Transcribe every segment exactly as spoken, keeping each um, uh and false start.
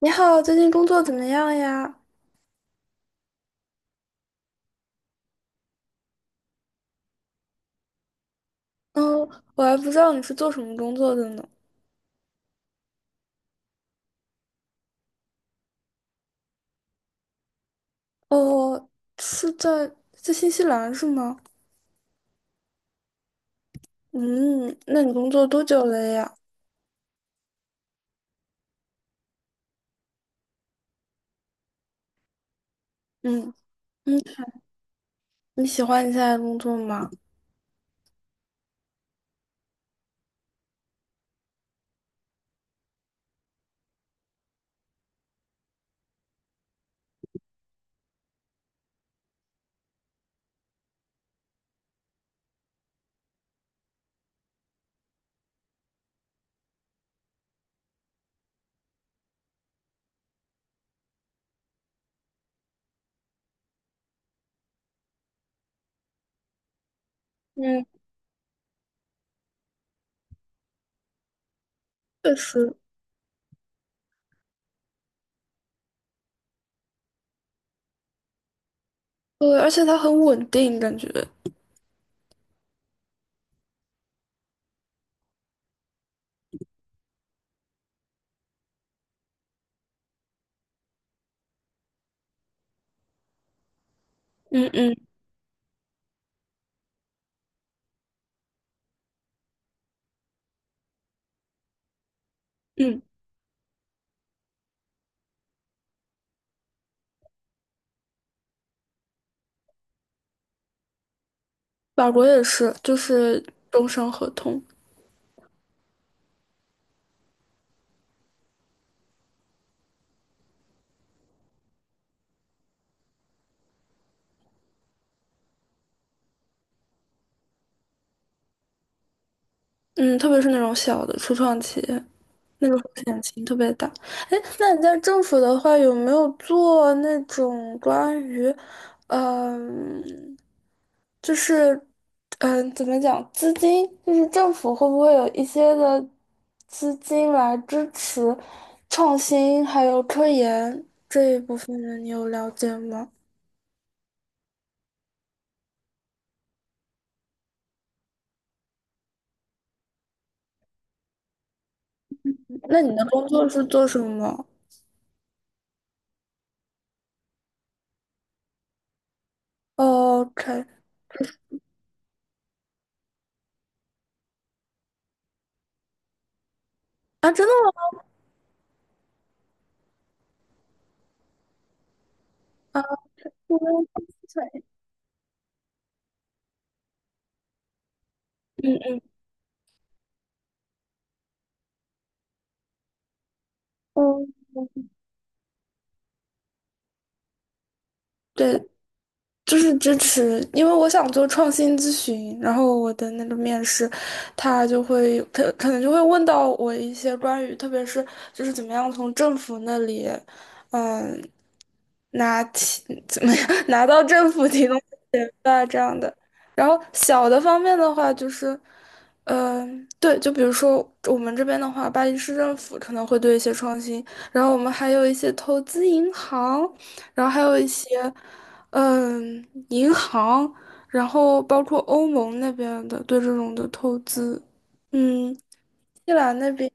你好，最近工作怎么样呀？嗯，我还不知道你是做什么工作的呢。哦，是在在新西兰是吗？嗯，那你工作多久了呀？嗯嗯，你喜欢你现在的工作吗？嗯，确实。对，而且它很稳定，感觉。嗯嗯嗯，法国也是，就是终身合同。嗯，特别是那种小的初创企业。那个风险性特别大。哎，那你在政府的话，有没有做那种关于，嗯、就是，嗯、怎么讲，资金，就是政府会不会有一些的资金来支持创新还有科研这一部分呢？你有了解吗？那你的工作是做什么？哦？OK。啊，真的吗？啊，嗯嗯，对。就是支持，因为我想做创新咨询，然后我的那个面试，他就会他可能就会问到我一些关于，特别是就是怎么样从政府那里，嗯，拿提怎么样 拿到政府提供的钱吧这样的。然后小的方面的话，就是，嗯、对，就比如说我们这边的话，巴黎市政府可能会对一些创新，然后我们还有一些投资银行，然后还有一些。嗯，银行，然后包括欧盟那边的对这种的投资，嗯，伊朗那边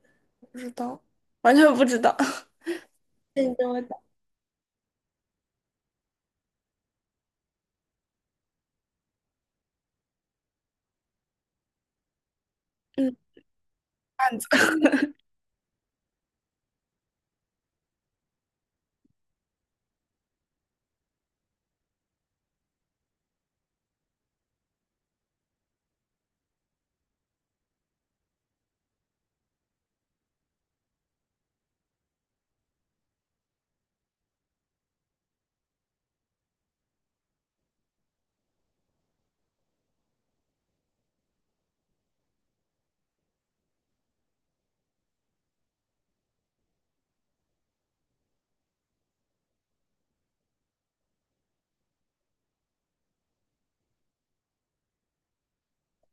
不知道，完全不知道。那你跟我讲，嗯，案子。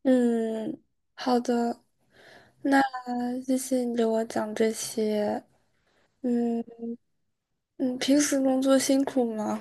嗯，好的，那谢谢你给我讲这些。嗯，你平时工作辛苦吗？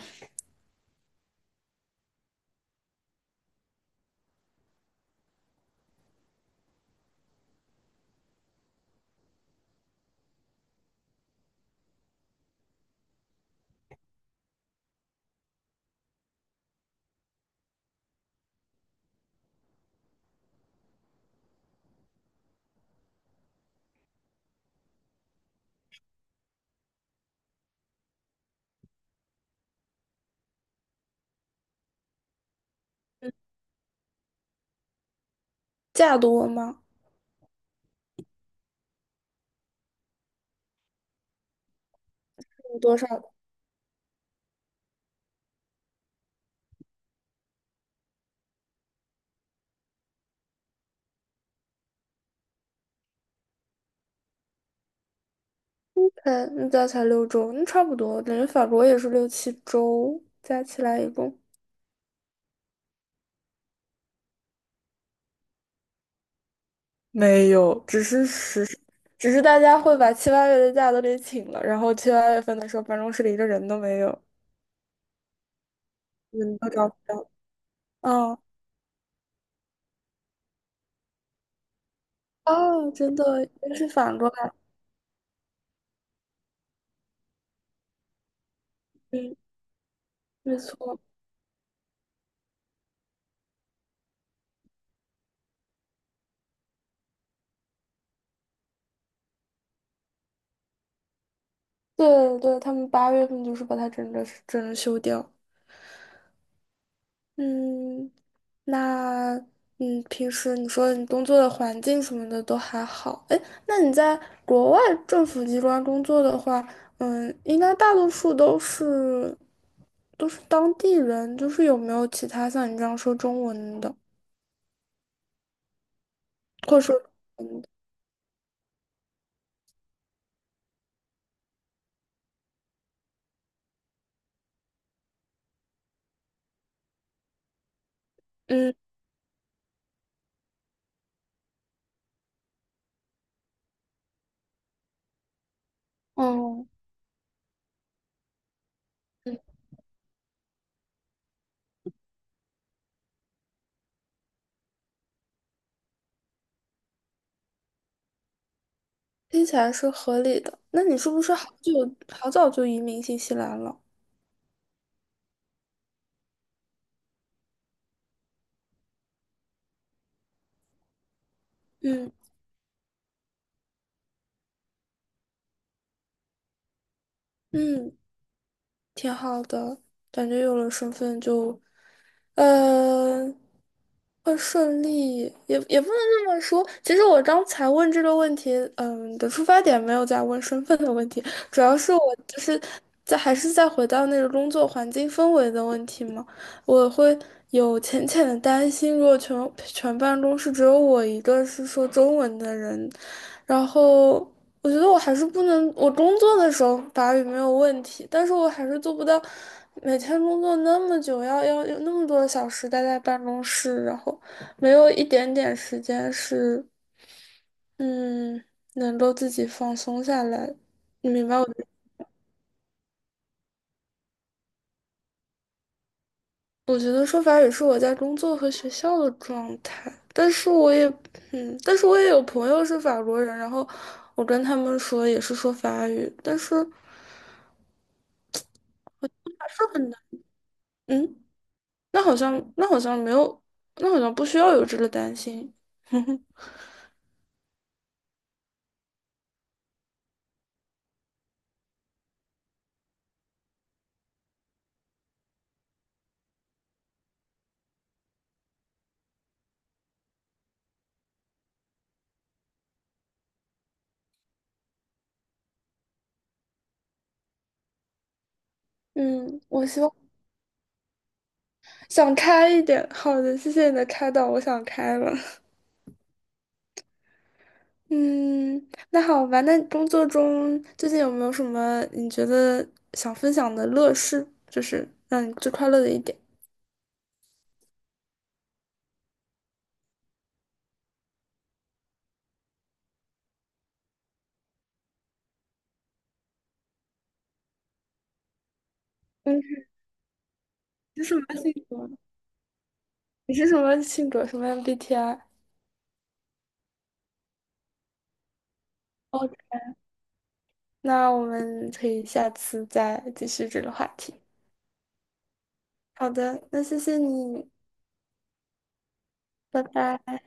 假多吗？有多少？嗯，加起来六周，那差不多，感觉法国也是六七周，加起来一共。没有，只是实施只是大家会把七八月的假都给请了，然后七八月份的时候，办公室里一个人都没有，人都找不到。嗯，哦，真的，原来是反过来。嗯，没错。对对，他们八月份就是把它整个整个休掉。嗯，那嗯，平时你说你工作的环境什么的都还好，哎，那你在国外政府机关工作的话，嗯，应该大多数都是都是当地人，就是有没有其他像你这样说中文的，或者说嗯嗯哦嗯，听起来是合理的。那你是不是好久好早就移民新西兰了？嗯嗯，挺好的，感觉有了身份就。嗯，会顺利，也也不能这么说。其实我刚才问这个问题，嗯的出发点没有在问身份的问题，主要是我就是在还是在回到那个工作环境氛围的问题嘛。我会有浅浅的担心，如果全全办公室只有我一个是说中文的人，然后。我觉得我还是不能，我工作的时候法语没有问题，但是我还是做不到每天工作那么久，要要有那么多的小时待在办公室，然后没有一点点时间是，嗯，能够自己放松下来。你明白我的？我觉得说法语是我在工作和学校的状态，但是我也，嗯，但是我也有朋友是法国人，然后我跟他们说也是说法语，但是是很难，嗯。那好像那好像没有，那好像不需要有这个担心。嗯，我希望想开一点。好的，谢谢你的开导，我想开了。嗯，那好吧。那工作中最近有没有什么你觉得想分享的乐事，就是让你最快乐的一点？嗯，你是什么性格？你是什么性格？什么 M B T I？哦，那我们可以下次再继续这个话题。好的，那谢谢你，拜拜。